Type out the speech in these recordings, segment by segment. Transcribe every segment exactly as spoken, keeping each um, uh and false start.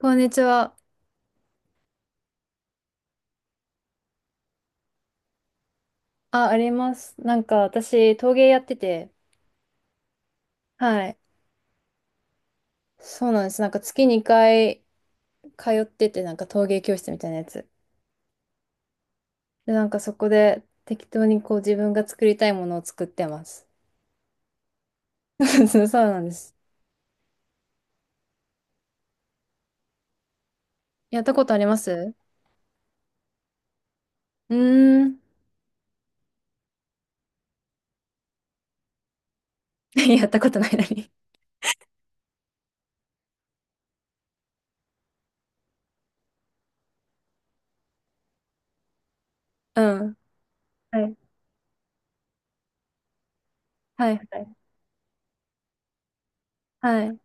こんにちは。あ、あります。なんか私、陶芸やってて、はい。そうなんです。なんか月にかい通ってて、なんか陶芸教室みたいなやつ。で、なんかそこで適当にこう自分が作りたいものを作ってます。そうなんです。やったことあります？うーん。やったことないのに。うん。はい。はい。はい。はい。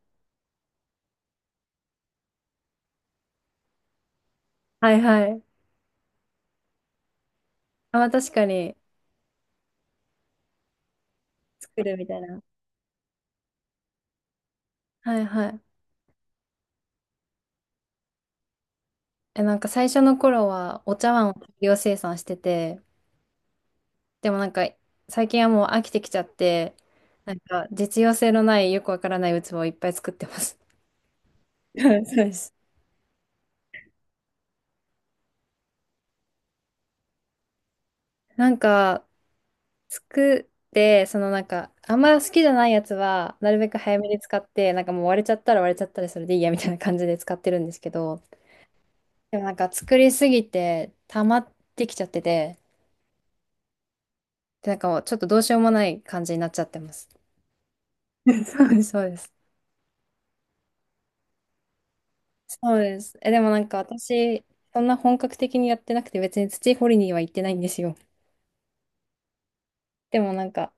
はい。はい。あ、まあ確かに。作るみたいな。はいはい。え、なんか最初の頃はお茶碗を大量生産してて、でもなんか最近はもう飽きてきちゃって、なんか実用性のないよくわからない器をいっぱい作ってます。はい、そうです。なんか作って、そのなんかあんま好きじゃないやつはなるべく早めに使って、なんかもう割れちゃったら割れちゃったりそれでいいやみたいな感じで使ってるんですけど、でもなんか作りすぎて溜まってきちゃってて、でなんかもうちょっとどうしようもない感じになっちゃってます。そうです、そうです。そうです。え、でもなんか私、そんな本格的にやってなくて別に土掘りには行ってないんですよ。でもなんか、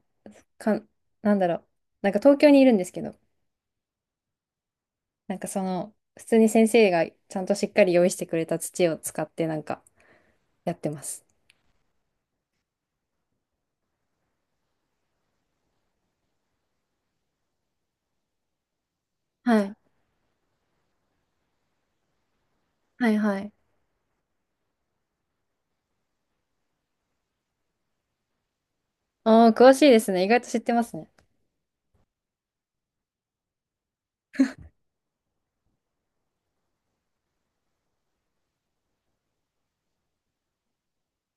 か、なんだろう。なんか東京にいるんですけど、なんかその、普通に先生がちゃんとしっかり用意してくれた土を使ってなんかやってます。はい。はいはい。ああ、詳しいですね。意外と知ってますね。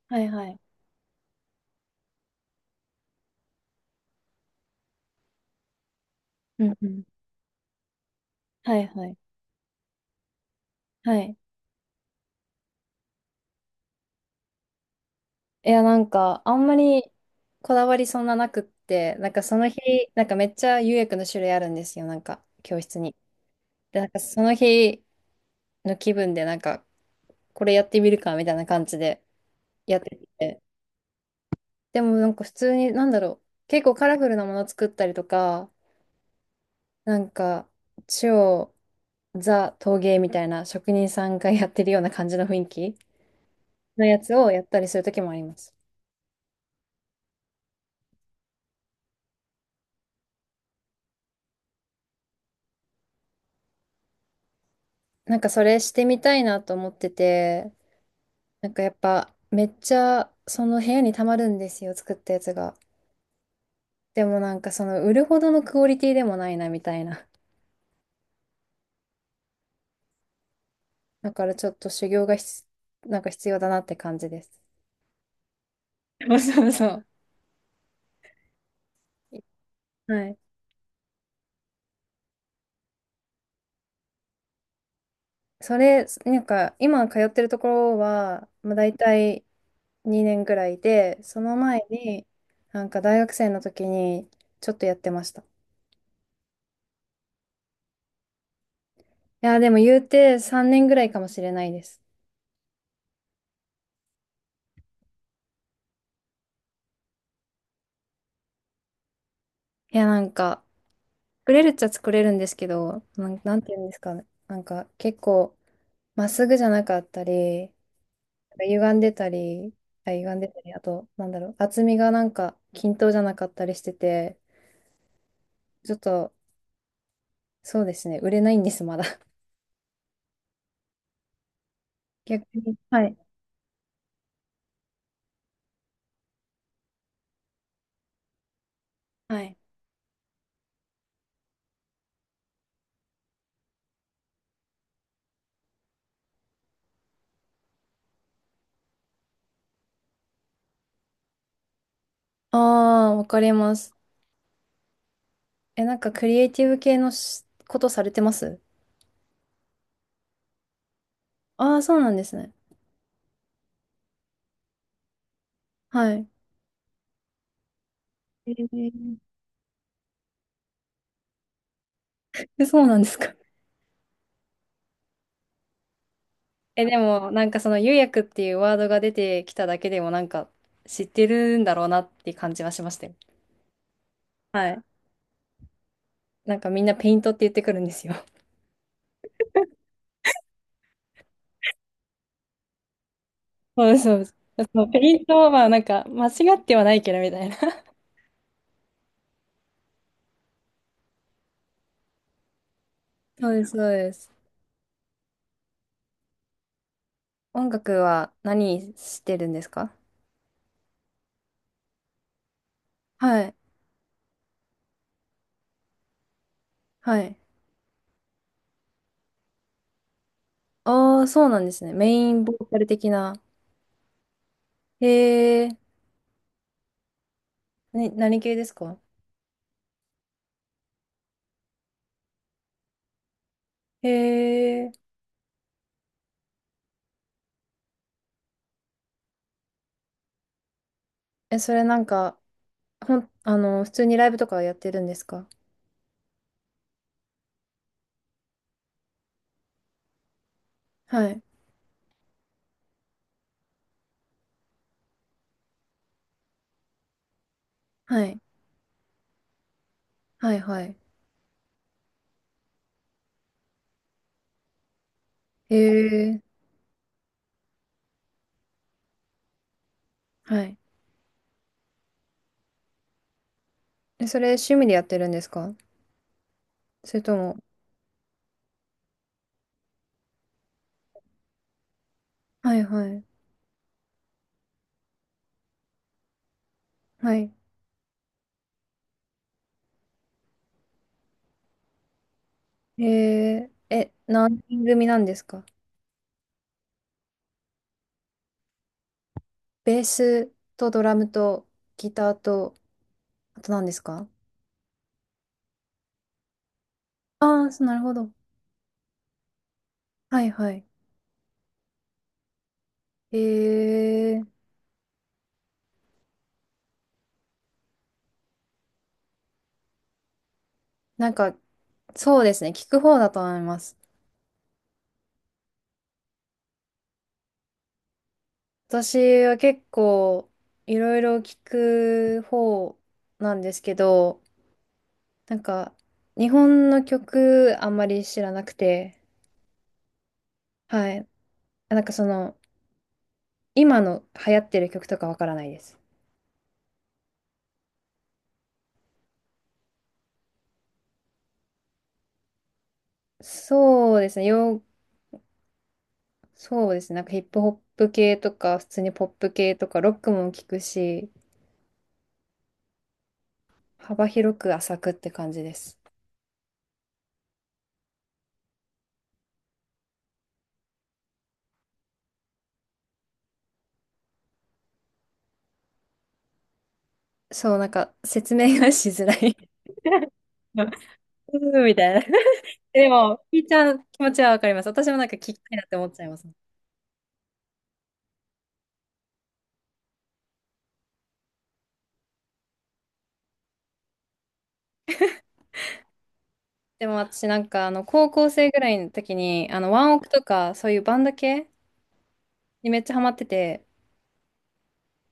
はいはい。うんうん。はいはい。はい。いや、なんか、あんまりこだわりそんななくって、なんかその日、なんかめっちゃ釉薬の種類あるんですよ。なんか、教室に。で、なんかその日の気分で、なんか、これやってみるかみたいな感じでやってて。でもなんか普通に、なんだろう、結構カラフルなもの作ったりとか、なんか、超ザ陶芸みたいな職人さんがやってるような感じの雰囲気のやつをやったりする時もあります。なんかそれしてみたいなと思ってて、なんかやっぱめっちゃその部屋にたまるんですよ、作ったやつが。でもなんかその売るほどのクオリティでもないなみたいな。だからちょっと修行がひつなんか必要だなって感じです。そうそうそう。はい。それ、なんか今通ってるところは、まあ、大体にねんぐらいで、その前に、なんか大学生の時にちょっとやってました。いや、でも言うてさんねんぐらいかもしれないです。いや、なんか、作れるっちゃ作れるんですけど、なん、なんて言うんですかね。なんか結構、まっすぐじゃなかったり、歪んでたり、あ、歪んでたり、あと、なんだろう、厚みがなんか均等じゃなかったりしてて、ちょっと、そうですね、売れないんです、まだ。逆に。はい。はい。ああ、わかります。え、なんかクリエイティブ系のしことされてます？ああー、そうなんですね。はい。えー。え、そうなんですか。え、でも、なんかその釉薬っていうワードが出てきただけでも、なんか知ってるんだろうなっていう感じはしましたよ。はい。なんかみんなペイントって言ってくるんですよ。そうです、そうです。そう、ペイントはなんか間違ってはないけどみたいな。そうです、そうです。音楽は何してるんですか？はい、はい。ああ、そうなんですね。メインボーカル的な。へえ、ね、何系ですか？へえ、え、それなんか、ほん、あの、普通にライブとかやってるんですか？はい、はい、はい、はい。へえ、はい。え、それ趣味でやってるんですか？それとも、はい、はい、はい。へえ、え、何人組なんですか？ベースとドラムとギターと、あと何ですか？ああー、そう、なるほど。はいはい。えー、なんか、そうですね、聞く方だと思います。私は結構、いろいろ聞く方なんですけど、なんか、日本の曲あんまり知らなくて、はい。なんかその、今の流行ってる曲とかわからないです。そうですね、洋、そうですね。なんかヒップホップ系とか、普通にポップ系とか、ロックも聞くし、幅広く浅くって感じです。そう、なんか説明がしづらい。 うんみたいな。でも、聞いちゃう気持ちはわかります。私もなんか聞きたいなって思っちゃいます。でも私なんか、あの、高校生ぐらいの時に、あの、ワンオクとか、そういうバンド系にめっちゃハマってて、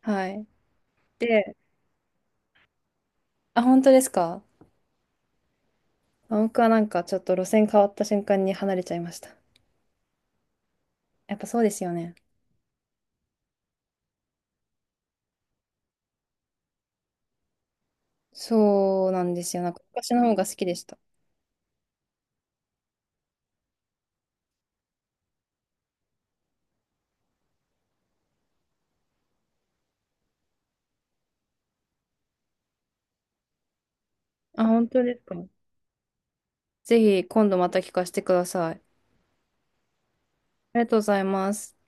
はい。で、あ、本当ですか？ワンオクはなんかちょっと路線変わった瞬間に離れちゃいました。やっぱそうですよね。そうなんですよ。なんか昔の方が好きでした。あ、本当ですか。ぜひ今度また聞かせてください。ありがとうございます。